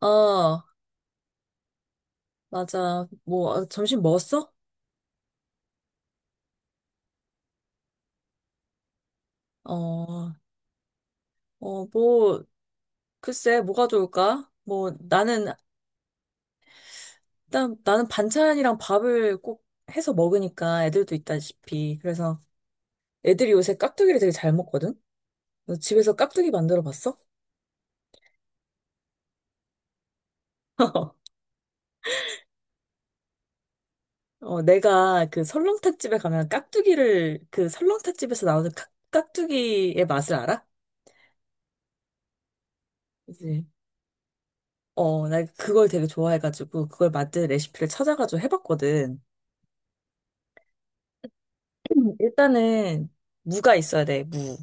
어, 맞아. 뭐, 아, 점심 먹었어? 어, 어, 뭐, 글쎄, 뭐가 좋을까? 뭐, 나는, 일단, 나는 반찬이랑 밥을 꼭 해서 먹으니까 애들도 있다시피. 그래서 애들이 요새 깍두기를 되게 잘 먹거든? 너 집에서 깍두기 만들어 봤어? 어, 내가 그 설렁탕 집에 가면 깍두기를, 그 설렁탕 집에서 나오는 깍두기의 맛을 알아? 그지? 어, 나 그걸 되게 좋아해가지고, 그걸 만든 레시피를 찾아가지고 해봤거든. 일단은 무가 있어야 돼, 무.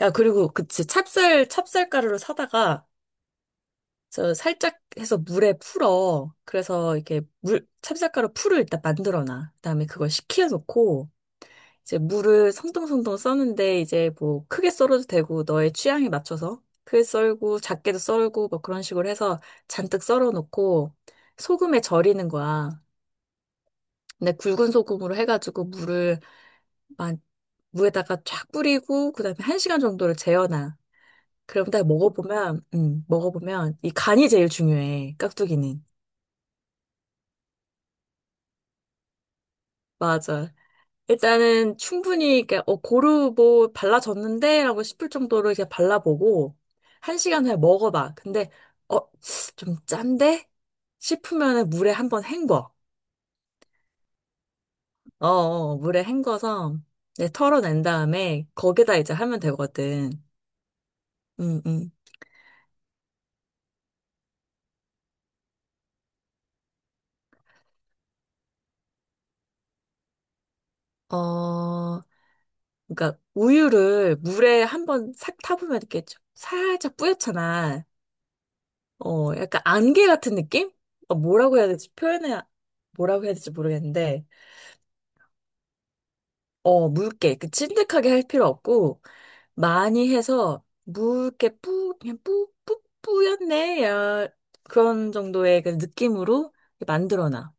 야, 그리고 그치 찹쌀 가루를 사다가 저 살짝 해서 물에 풀어. 그래서 이렇게 물 찹쌀 가루 풀을 일단 만들어 놔. 그다음에 그걸 식혀 놓고 이제 물을 송동송동 써는데 이제 뭐 크게 썰어도 되고 너의 취향에 맞춰서 크게 썰고 작게도 썰고 뭐 그런 식으로 해서 잔뜩 썰어 놓고 소금에 절이는 거야. 근데 굵은 소금으로 해가지고 물을 무에다가 쫙 뿌리고 그다음에 한 시간 정도를 재워놔. 그럼 다 먹어보면 이 간이 제일 중요해, 깍두기는. 맞아. 일단은 충분히 그러니까 고루 뭐 발라졌는데라고 싶을 정도로 이렇게 발라보고 한 시간 후에 먹어봐. 근데 어 좀 짠데 싶으면은 물에 한번 헹궈. 어, 어 어, 물에 헹궈서 이제 털어낸 다음에 거기다 이제 하면 되거든. 음 음. 어. 그러니까 우유를 물에 한번 싹 타보면 이렇게 좀 살짝 뿌옇잖아. 어, 약간 안개 같은 느낌? 어, 뭐라고 해야 될지 모르겠는데, 어, 묽게, 그 찐득하게 할 필요 없고, 많이 해서 묽게 뿌, 그냥 뿌, 뿌, 뿌였네. 야, 그런 정도의 그 느낌으로 만들어놔.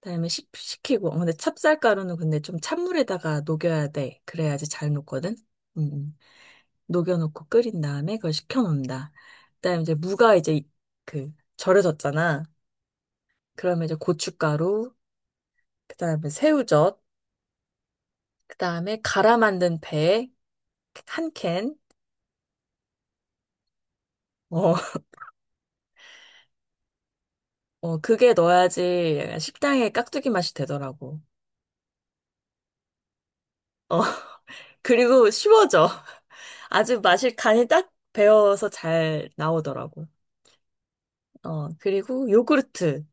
그다음에 식히고, 어, 근데 찹쌀가루는 근데 좀 찬물에다가 녹여야 돼. 그래야지 잘 녹거든. 음. 음. 녹여놓고 끓인 다음에 그걸 식혀놓는다. 그다음에 이제 무가 이제 그 절여졌잖아. 그러면 이제 고춧가루, 그다음에 새우젓, 그다음에 갈아 만든 배 한 캔. 어, 어, 그게 넣어야지 식당의 깍두기 맛이 되더라고. 어, 그리고 쉬워져. 아주 맛이 간이 딱 배어서 잘 나오더라고. 어, 그리고 요구르트.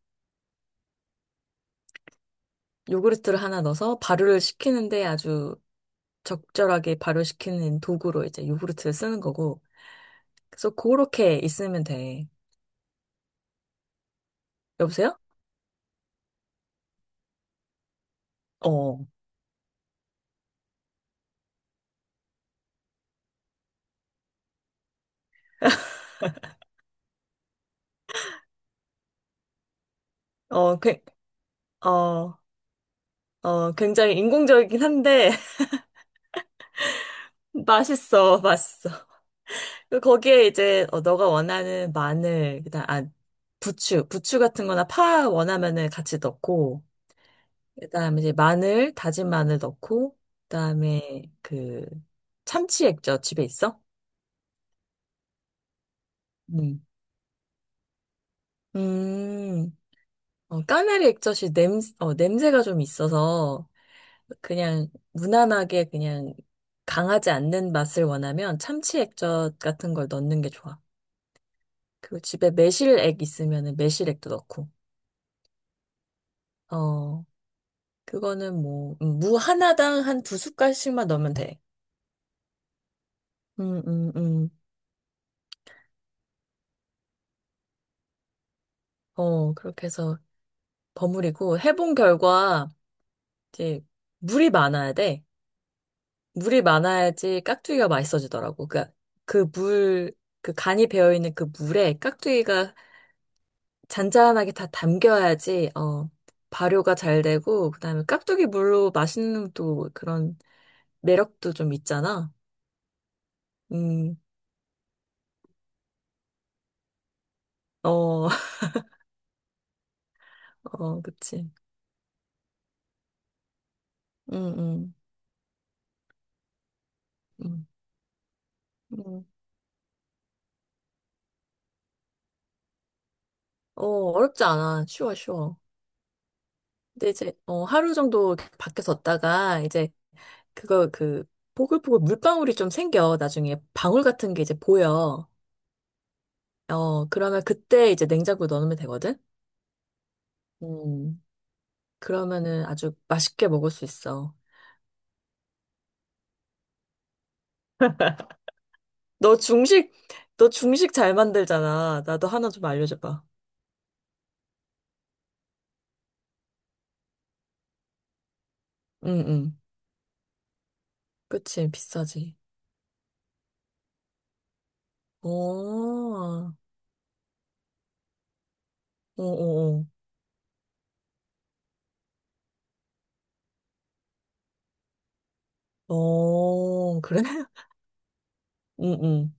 요구르트를 하나 넣어서 발효를 시키는데 아주 적절하게 발효시키는 도구로 이제 요구르트를 쓰는 거고. 그래서 그렇게 있으면 돼. 여보세요? 어, 어, 그, 어, 어, 굉장히 인공적이긴 한데 맛있어, 맛있어. 그 거기에 이제 어, 너가 원하는 마늘, 그다음 아 부추 같은 거나 파 원하면은 같이 넣고, 그다음에 이제 다진 마늘 넣고, 그다음에 그 참치 액젓 집에 있어? 음, 어, 까나리 액젓이 냄새가 좀 있어서 그냥 무난하게 그냥 강하지 않는 맛을 원하면 참치 액젓 같은 걸 넣는 게 좋아. 그리고 집에 매실액 있으면은 매실액도 넣고. 어, 그거는 뭐, 무 하나당 한 두 숟갈씩만 넣으면 돼. 음, 음, 음. 어, 그렇게 해서 버무리고 해본 결과 이제 물이 많아야 돼. 물이 많아야지 깍두기가 맛있어지더라고. 그 물, 그 간이 배어있는 그 물에 깍두기가 잔잔하게 다 담겨야지, 어, 발효가 잘 되고, 그다음에 깍두기 물로 맛있는 또 그런 매력도 좀 있잖아. 음, 어, 어, 그치. 음, 음, 음, 음. 어, 어렵지 않아. 쉬워, 쉬워. 근데 이제, 어, 하루 정도 이렇게 밖에 뒀다가, 이제, 그거, 그, 보글보글 물방울이 좀 생겨. 나중에 방울 같은 게 이제 보여. 어, 그러면 그때 이제 냉장고에 넣어놓으면 되거든? 음, 그러면은 아주 맛있게 먹을 수 있어. 너 중식, 너 중식 잘 만들잖아. 나도 하나 좀 알려줘봐. 응, 응. 그치, 비싸지. 오, 오오오. 오, 그래? 응, 응.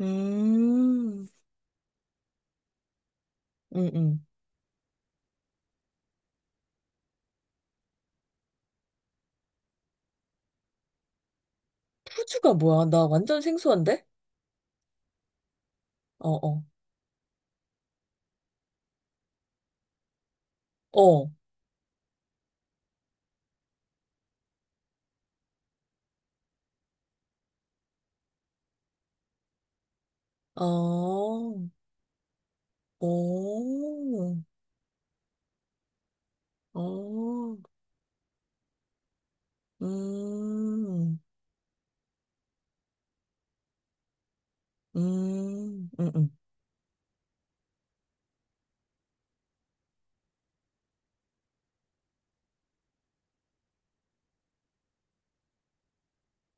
음, 응, 응. 푸주가 뭐야? 나 완전 생소한데? 어, 어. 어. 어, 오, 어, 음. 음, 음, 음.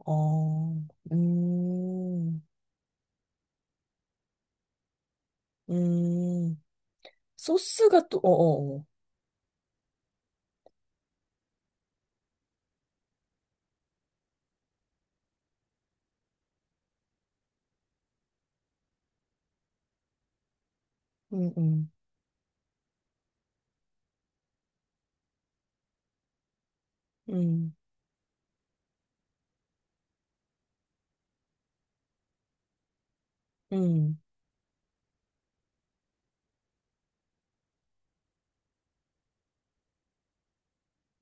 어, 음, 음. 소스가 또, 어어어. 음, 음, 음, 음,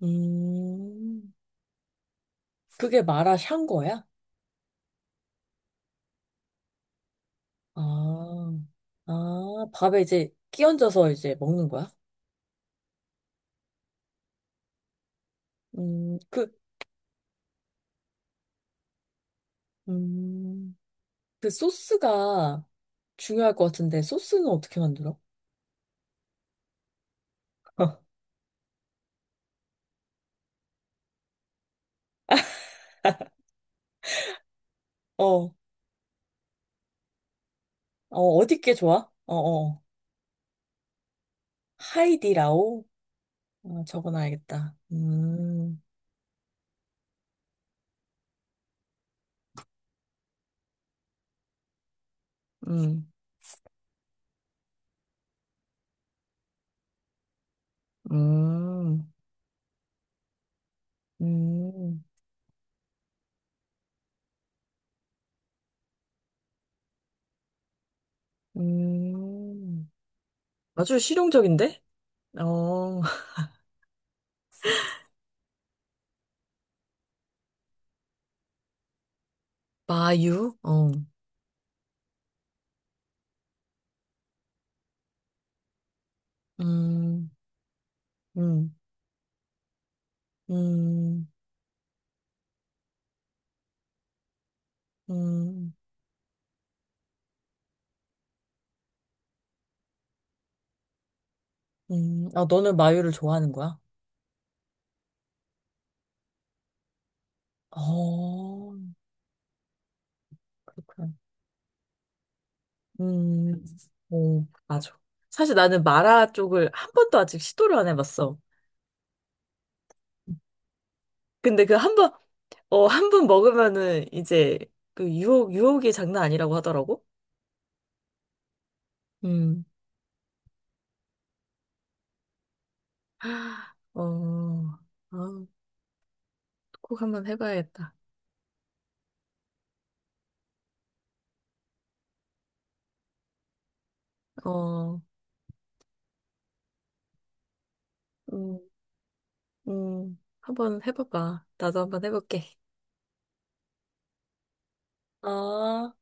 음. 그게 마라샹 거야? 아, 아, 밥에 이제 끼얹어서 이제 먹는 거야? 그, 음, 그 소스가 중요할 것 같은데, 소스는 어떻게 만들어? 어, 어, 어디 게 좋아? 어, 어. 하이디라오? 어, 적어놔야겠다. 음. 음, 음, 음, 음. 아주 실용적인데? 어, 마유? 어, 음, 음, 음, 음, 아, 너는 마유를 좋아하는 거야? 어, 그렇구나. 음, 오, 맞아. 사실 나는 마라 쪽을 한 번도 아직 시도를 안 해봤어. 근데 그 한 번 먹으면은 이제 그 유혹이 장난 아니라고 하더라고? 음. 어, 아, 꼭 한번 해봐야겠다. 어, 음, 한번 해봐봐. 나도 한번 해볼게. 어.